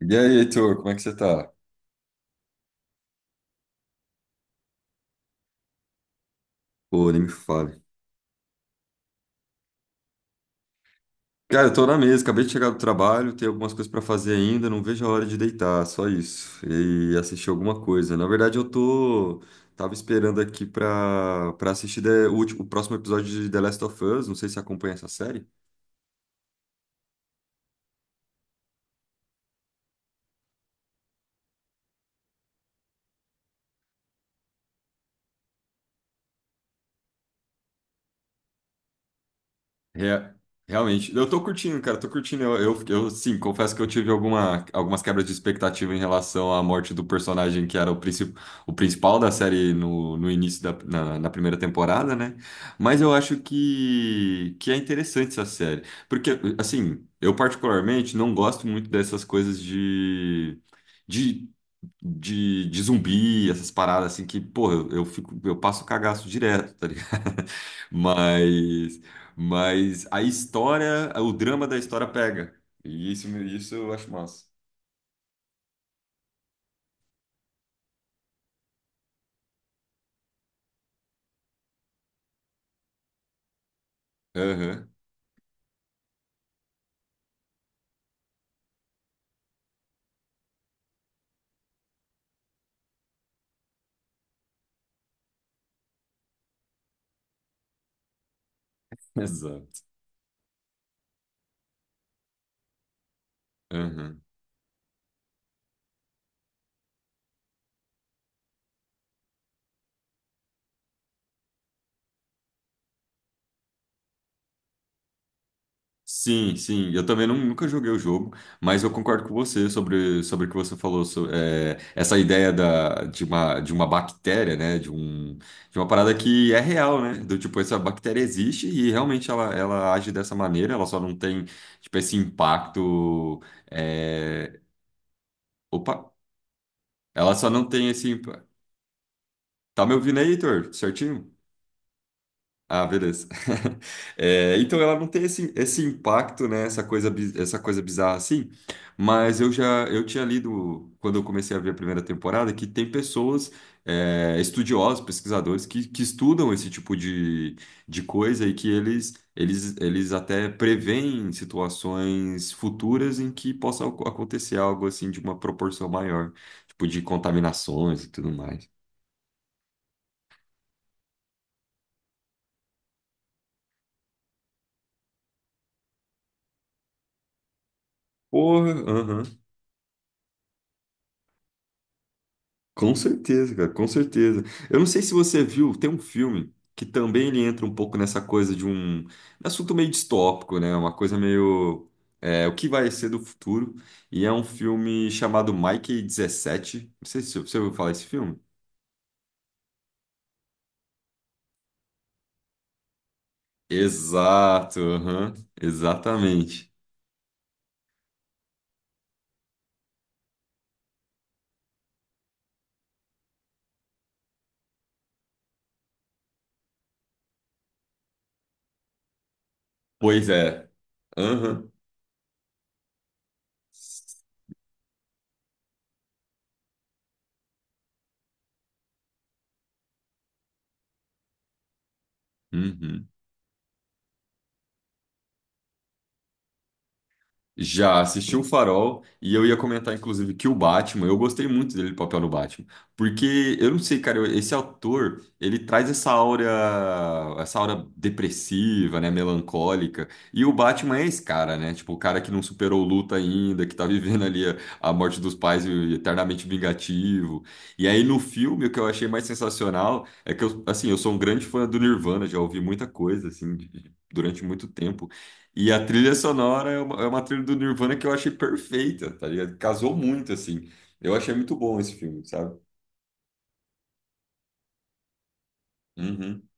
E aí, Heitor, como é que você tá? Pô, nem me fale. Cara, eu tô na mesa, acabei de chegar do trabalho, tenho algumas coisas pra fazer ainda, não vejo a hora de deitar, só isso. E assistir alguma coisa. Na verdade, eu tô. Tava esperando aqui pra assistir o próximo episódio de The Last of Us. Não sei se você acompanha essa série. Rea- Realmente, eu tô curtindo, cara, tô curtindo. Eu, sim, confesso que eu tive algumas quebras de expectativa em relação à morte do personagem que era o principal da série no início na primeira temporada, né? Mas eu acho que é interessante essa série. Porque, assim, eu particularmente não gosto muito dessas coisas de de zumbi, essas paradas assim que, pô, eu fico, eu passo cagaço direto, tá ligado? Mas mas a história, o drama da história pega. E isso eu acho massa. Aham. Exato. Aham. Sim, sim. Eu também nunca joguei o jogo, mas eu concordo com você sobre o que você falou. Essa ideia de uma bactéria, né? De uma parada que é real, né? Do tipo, essa bactéria existe e realmente ela age dessa maneira, ela só não tem, tipo, esse impacto. é, Opa! Ela só não tem esse. Tá me ouvindo aí, Heitor? Certinho? Ah, beleza. É, então ela não tem esse impacto, né? Essa coisa bizarra assim. Mas eu tinha lido quando eu comecei a ver a primeira temporada que tem pessoas, estudiosos, pesquisadores que estudam esse tipo de coisa e que eles até preveem situações futuras em que possa acontecer algo assim de uma proporção maior, tipo de contaminações e tudo mais. Porra. Aham. Com certeza, cara, com certeza. Eu não sei se você viu, tem um filme que também ele entra um pouco nessa coisa de um assunto meio distópico, né? Uma coisa meio, é o que vai ser do futuro. E é um filme chamado Mike 17. Não sei se você ouviu falar esse filme. Exato. Aham, exatamente. Pois é. Aham. Uhum. Já assisti o Farol e eu ia comentar, inclusive, que o Batman, eu gostei muito dele, do papel no Batman. Porque, eu não sei, cara, esse autor, ele traz essa aura depressiva, né, melancólica. E o Batman é esse cara, né? Tipo, o cara que não superou luta ainda, que tá vivendo ali a morte dos pais e eternamente vingativo. E aí, no filme, o que eu achei mais sensacional é que eu, assim, eu sou um grande fã do Nirvana, já ouvi muita coisa, assim, durante muito tempo. E a trilha sonora é uma trilha do Nirvana que eu achei perfeita, tá ligado? Casou muito, assim. Eu achei muito bom esse filme, sabe? Uhum.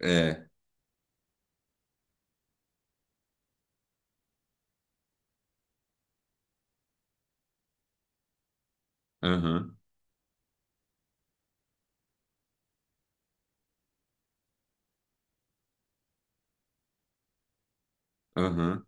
É. Aham. Aham.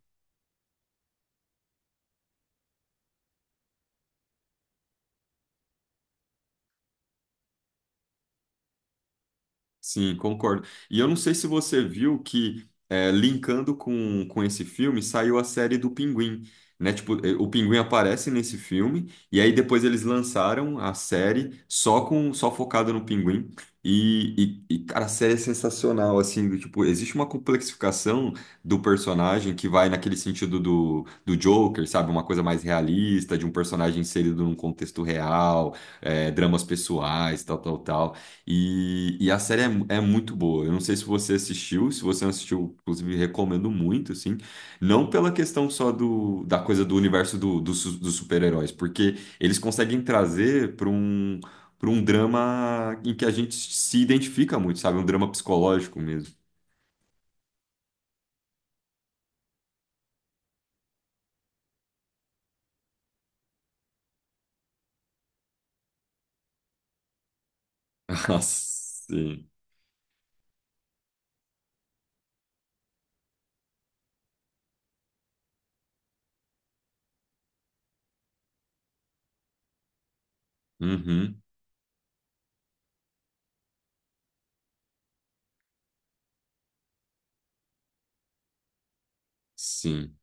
Sim, concordo. E eu não sei se você viu que, é, linkando com esse filme, saiu a série do Pinguim, né? Tipo, eh, o Pinguim aparece nesse filme, e aí depois eles lançaram a série só com só focada no Pinguim. E, cara, a série é sensacional, assim, do tipo, existe uma complexificação do personagem que vai naquele sentido do Joker, sabe? Uma coisa mais realista, de um personagem inserido num contexto real, eh, dramas pessoais, tal, tal, tal. E a série é muito boa. Eu não sei se você assistiu, se você não assistiu, inclusive recomendo muito, assim. Não pela questão só do, da coisa do universo dos super-heróis, porque eles conseguem trazer para um drama em que a gente se identifica muito, sabe? Um drama psicológico mesmo. Ah, sim. Uhum. Sim.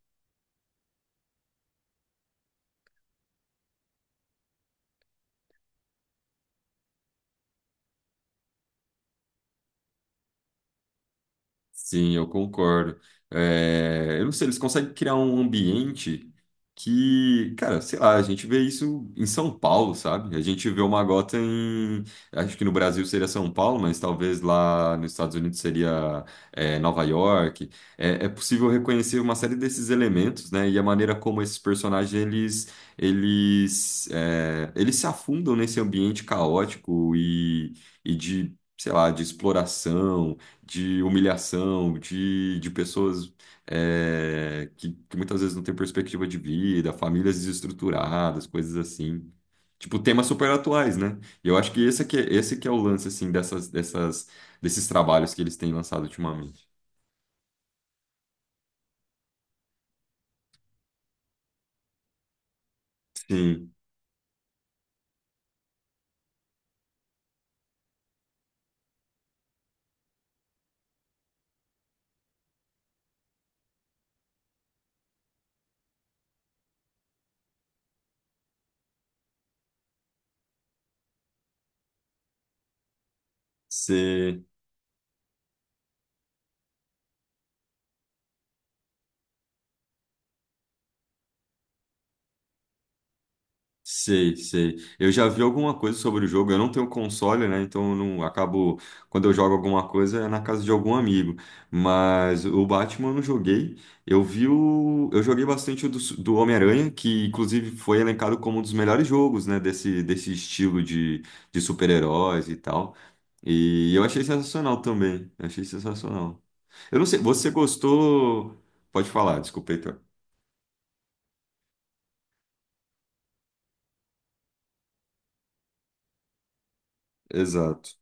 Sim, eu concordo. É, eu não sei, eles conseguem criar um ambiente que, cara, sei lá, a gente vê isso em São Paulo, sabe? A gente vê uma gota em. Acho que no Brasil seria São Paulo, mas talvez lá nos Estados Unidos seria, é, Nova York. É, é possível reconhecer uma série desses elementos, né? E a maneira como esses personagens eles, eles, é, eles se afundam nesse ambiente caótico e de. Sei lá, de exploração, de humilhação, de pessoas, é, que muitas vezes não têm perspectiva de vida, famílias desestruturadas, coisas assim. Tipo, temas super atuais, né? E eu acho que esse aqui, é- esse que é o lance, assim, desses trabalhos que eles têm lançado ultimamente. Sim. Você Sei, sei. Eu já vi alguma coisa sobre o jogo. Eu não tenho console, né? Então eu não acabo. Quando eu jogo alguma coisa é na casa de algum amigo. Mas o Batman eu não joguei. Eu vi o. Eu joguei bastante o do Homem-Aranha, que inclusive foi elencado como um dos melhores jogos, né, desse estilo de super-heróis e tal. E eu achei sensacional também. Eu achei sensacional. Eu não sei, você gostou. Pode falar, desculpa, Heitor. Exato.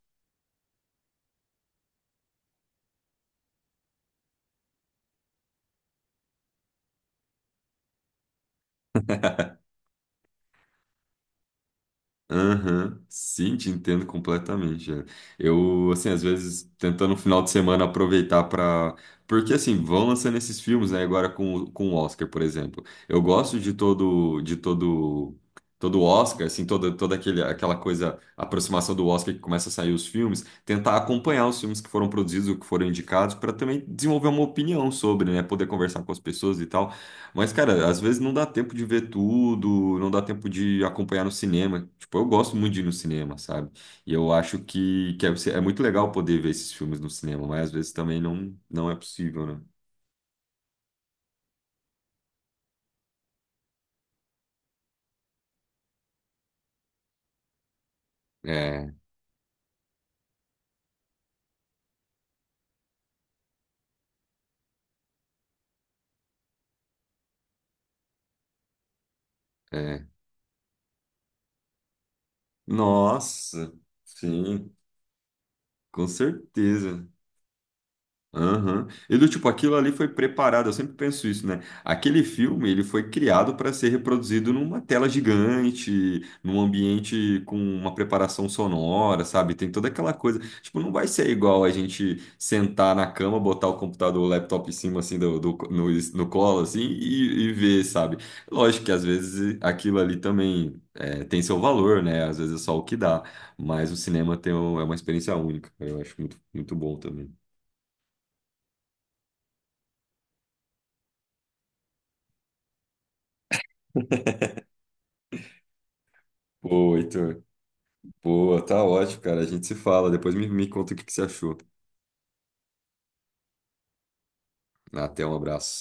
Aham. Sim, te entendo completamente. Eu, assim, às vezes tentando no final de semana aproveitar pra. Porque, assim, vão lançando esses filmes, né? Agora com o Oscar, por exemplo. Eu gosto todo o Oscar, assim, aquela coisa, a aproximação do Oscar que começa a sair os filmes, tentar acompanhar os filmes que foram produzidos, ou que foram indicados, para também desenvolver uma opinião sobre, né? Poder conversar com as pessoas e tal. Mas, cara, às vezes não dá tempo de ver tudo, não dá tempo de acompanhar no cinema. Tipo, eu gosto muito de ir no cinema, sabe? E eu acho que é muito legal poder ver esses filmes no cinema, mas às vezes também não é possível, né? É, é. Nossa, sim, com certeza. Aham. E do tipo, aquilo ali foi preparado, eu sempre penso isso, né? Aquele filme, ele foi criado para ser reproduzido numa tela gigante, num ambiente com uma preparação sonora, sabe? Tem toda aquela coisa. Tipo, não vai ser igual a gente sentar na cama, botar o computador, o laptop em cima, assim, no colo, assim, e ver, sabe? Lógico que às vezes aquilo ali também é, tem seu valor, né? Às vezes é só o que dá, mas o cinema tem, é uma experiência única, eu acho muito, muito bom também. Boa, Heitor. Boa, tá ótimo, cara. A gente se fala. Depois me conta o que que você achou. Até um abraço.